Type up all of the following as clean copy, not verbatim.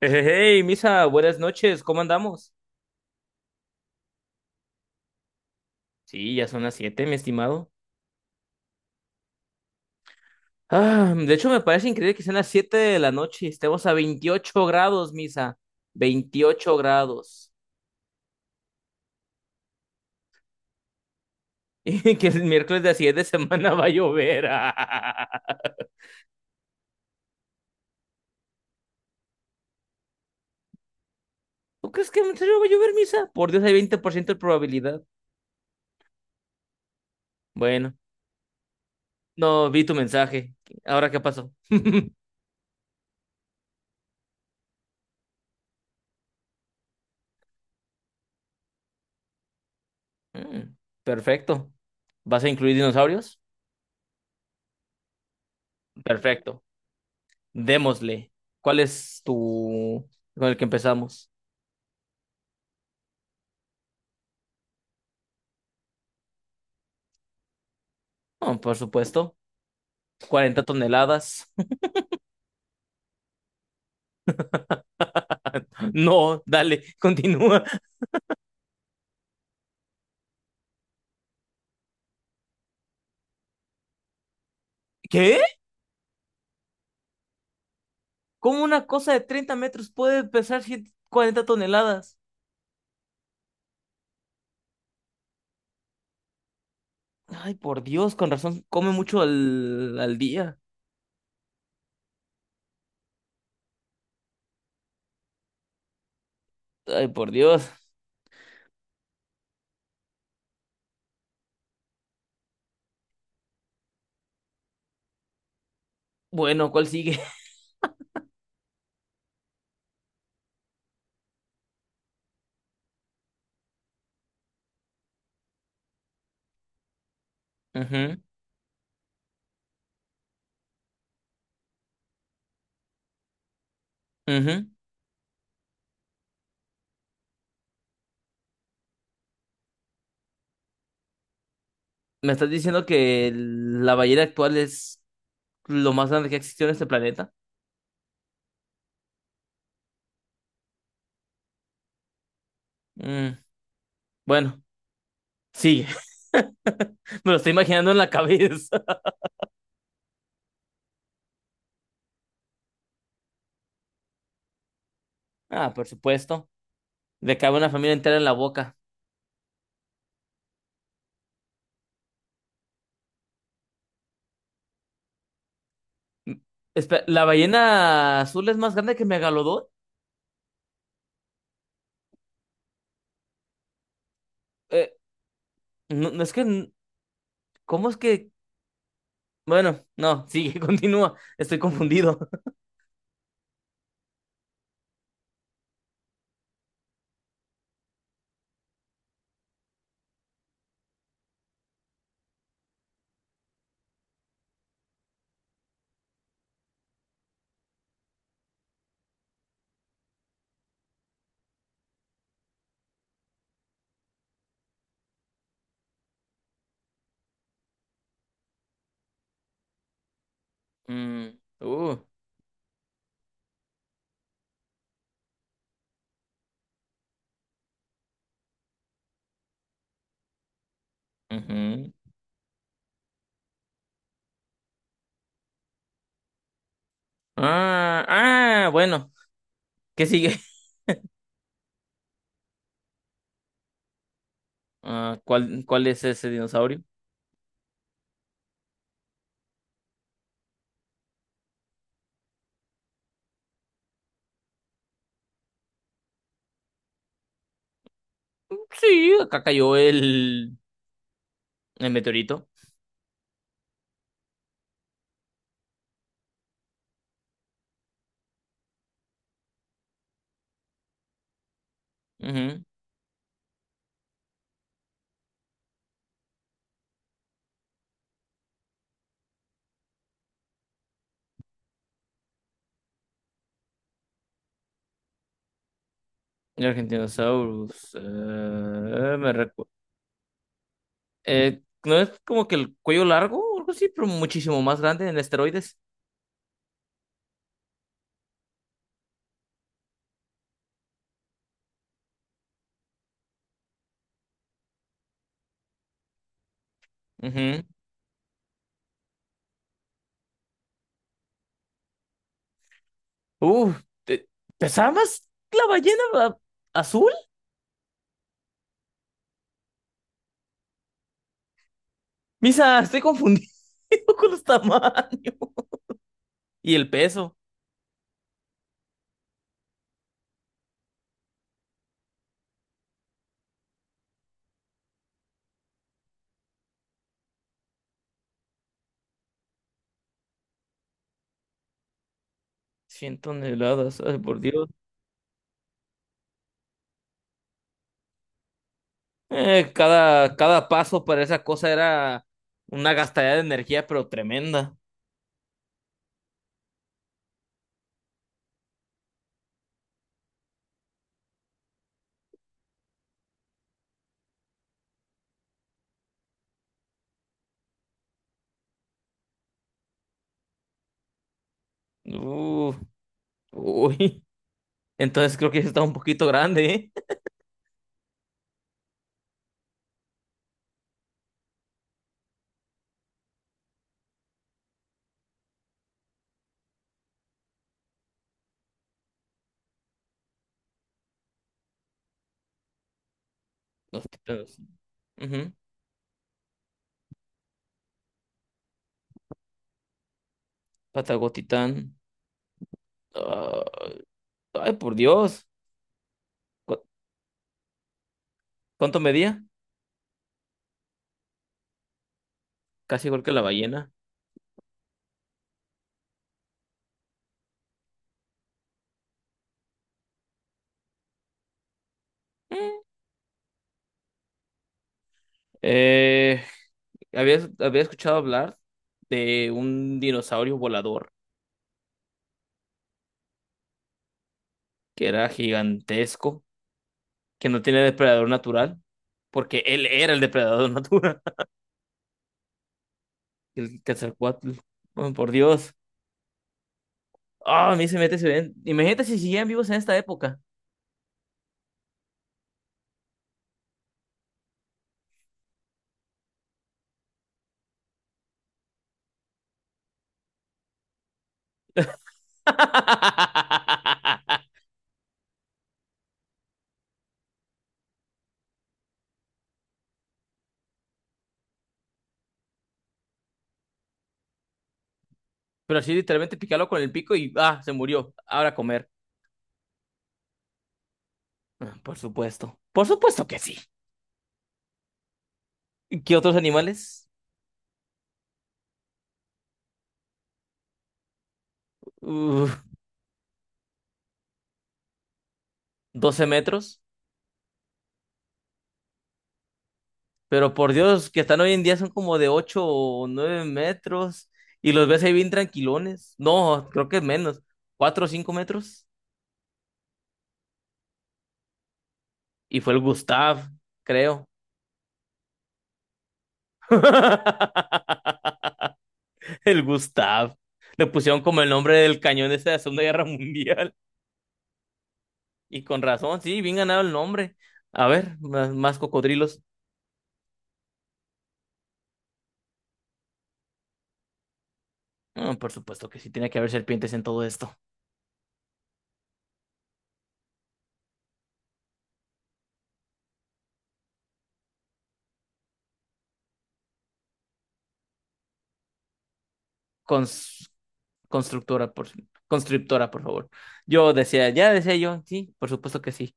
Hey, hey, hey, Misa, buenas noches, ¿cómo andamos? Sí, ya son las siete, mi estimado. Ah, de hecho, me parece increíble que sean las 7 de la noche, estemos a 28 grados, Misa, 28 grados. Y que el miércoles de la siguiente semana va a llover. ¿Tú crees que en serio va a llover, Misa? Por Dios, hay 20% de probabilidad. Bueno, no vi tu mensaje. ¿Ahora qué pasó? Mm, Perfecto. ¿Vas a incluir dinosaurios? Perfecto. Démosle. ¿Cuál es tu, con el que empezamos? Oh, por supuesto, 40 toneladas. No, dale, continúa. ¿Qué? ¿Cómo una cosa de 30 metros puede pesar 100 cuarenta toneladas? Ay, por Dios, con razón, come mucho al día. Ay, por Dios. Bueno, ¿cuál sigue? Ujú, ujú. ¿Me estás diciendo que la ballena actual es lo más grande que ha existido en este planeta? Mm, bueno, sí, me lo estoy imaginando en la cabeza. Ah, por supuesto. Le cabe una familia entera en la boca. Mm, ¿La ballena azul es más grande que Megalodón? Eh, no, no es que. ¿Cómo es que? Bueno, no, sigue, continúa. Estoy confundido. Mm, uh, Ujú. Ah, ah, bueno. ¿Qué sigue? Ah, ¿cuál es ese dinosaurio? Sí, acá cayó el meteorito. Ujú. El Argentinosaurus. Me recu- no es como que el cuello largo o algo así, pero muchísimo más grande en esteroides. Ujú. Uh, te- ¿Pesaba más la ballena azul? Misa, estoy confundido con los tamaños. Y el peso. 100 toneladas, ay, por Dios. Cada paso para esa cosa era una gastadera de energía, pero tremenda. Uh, Uy. Entonces creo que está un poquito grande, ¿eh? Los titanes. Ujú. Patagotitán. Ah. Ay, por Dios. ¿Cu- ¿Cuánto medía? Casi igual que la ballena. Eh, había escuchado hablar de un dinosaurio volador que era gigantesco, que no tiene depredador natural, porque él era el depredador natural, el Quetzalcóatl. Oh, por Dios. Ah, a mí se mete, se ven. Imagínate si siguieran vivos en esta época. Pero así literalmente picarlo con el pico y ah, se murió. Ahora a comer. Ah, por supuesto. Por supuesto que sí. ¿Qué otros animales? Uf, 12 metros. Pero por Dios, que están hoy en día son como de 8 o 9 metros. Y los ves ahí bien tranquilones. No, creo que menos. 4 o 5 metros. Y fue el Gustav, creo. El Gustav. Le pusieron como el nombre del cañón ese de la Segunda Guerra Mundial. Y con razón, sí, bien ganado el nombre. A ver, más cocodrilos. Ah, por supuesto que sí, tiene que haber serpientes en todo esto. Con, constructora, por, constructora, por favor. Yo decía, ya decía yo, sí, por supuesto que sí.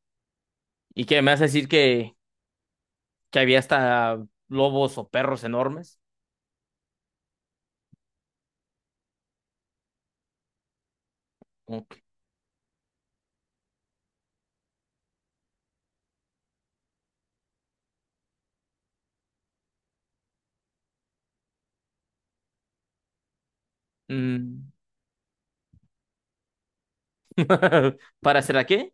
¿Y qué me vas a decir que había hasta lobos o perros enormes? Ok. Mm. ¿Para qué?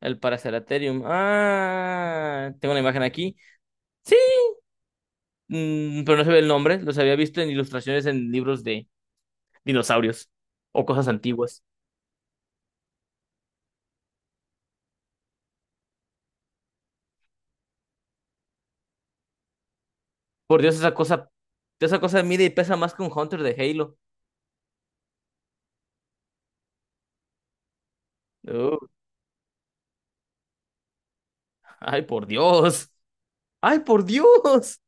El Paraceratherium. Ah, tengo una imagen aquí. Sí, pero no se ve el nombre. Los había visto en ilustraciones en libros de dinosaurios o cosas antiguas. Por Dios, esa cosa mide y pesa más que un Hunter de Halo. Oh, ay, por Dios. Ay, por Dios.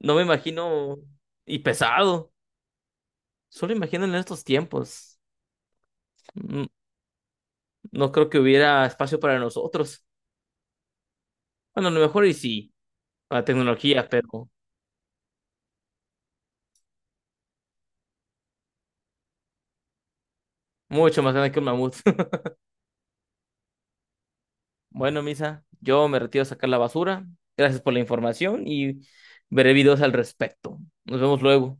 No me imagino. Y pesado. Solo imagino en estos tiempos. Mm, No creo que hubiera espacio para nosotros. Bueno, a lo mejor y sí, para tecnología, pero mucho más grande que un mamut. Bueno, Misa, yo me retiro a sacar la basura. Gracias por la información y veré videos al respecto. Nos vemos luego.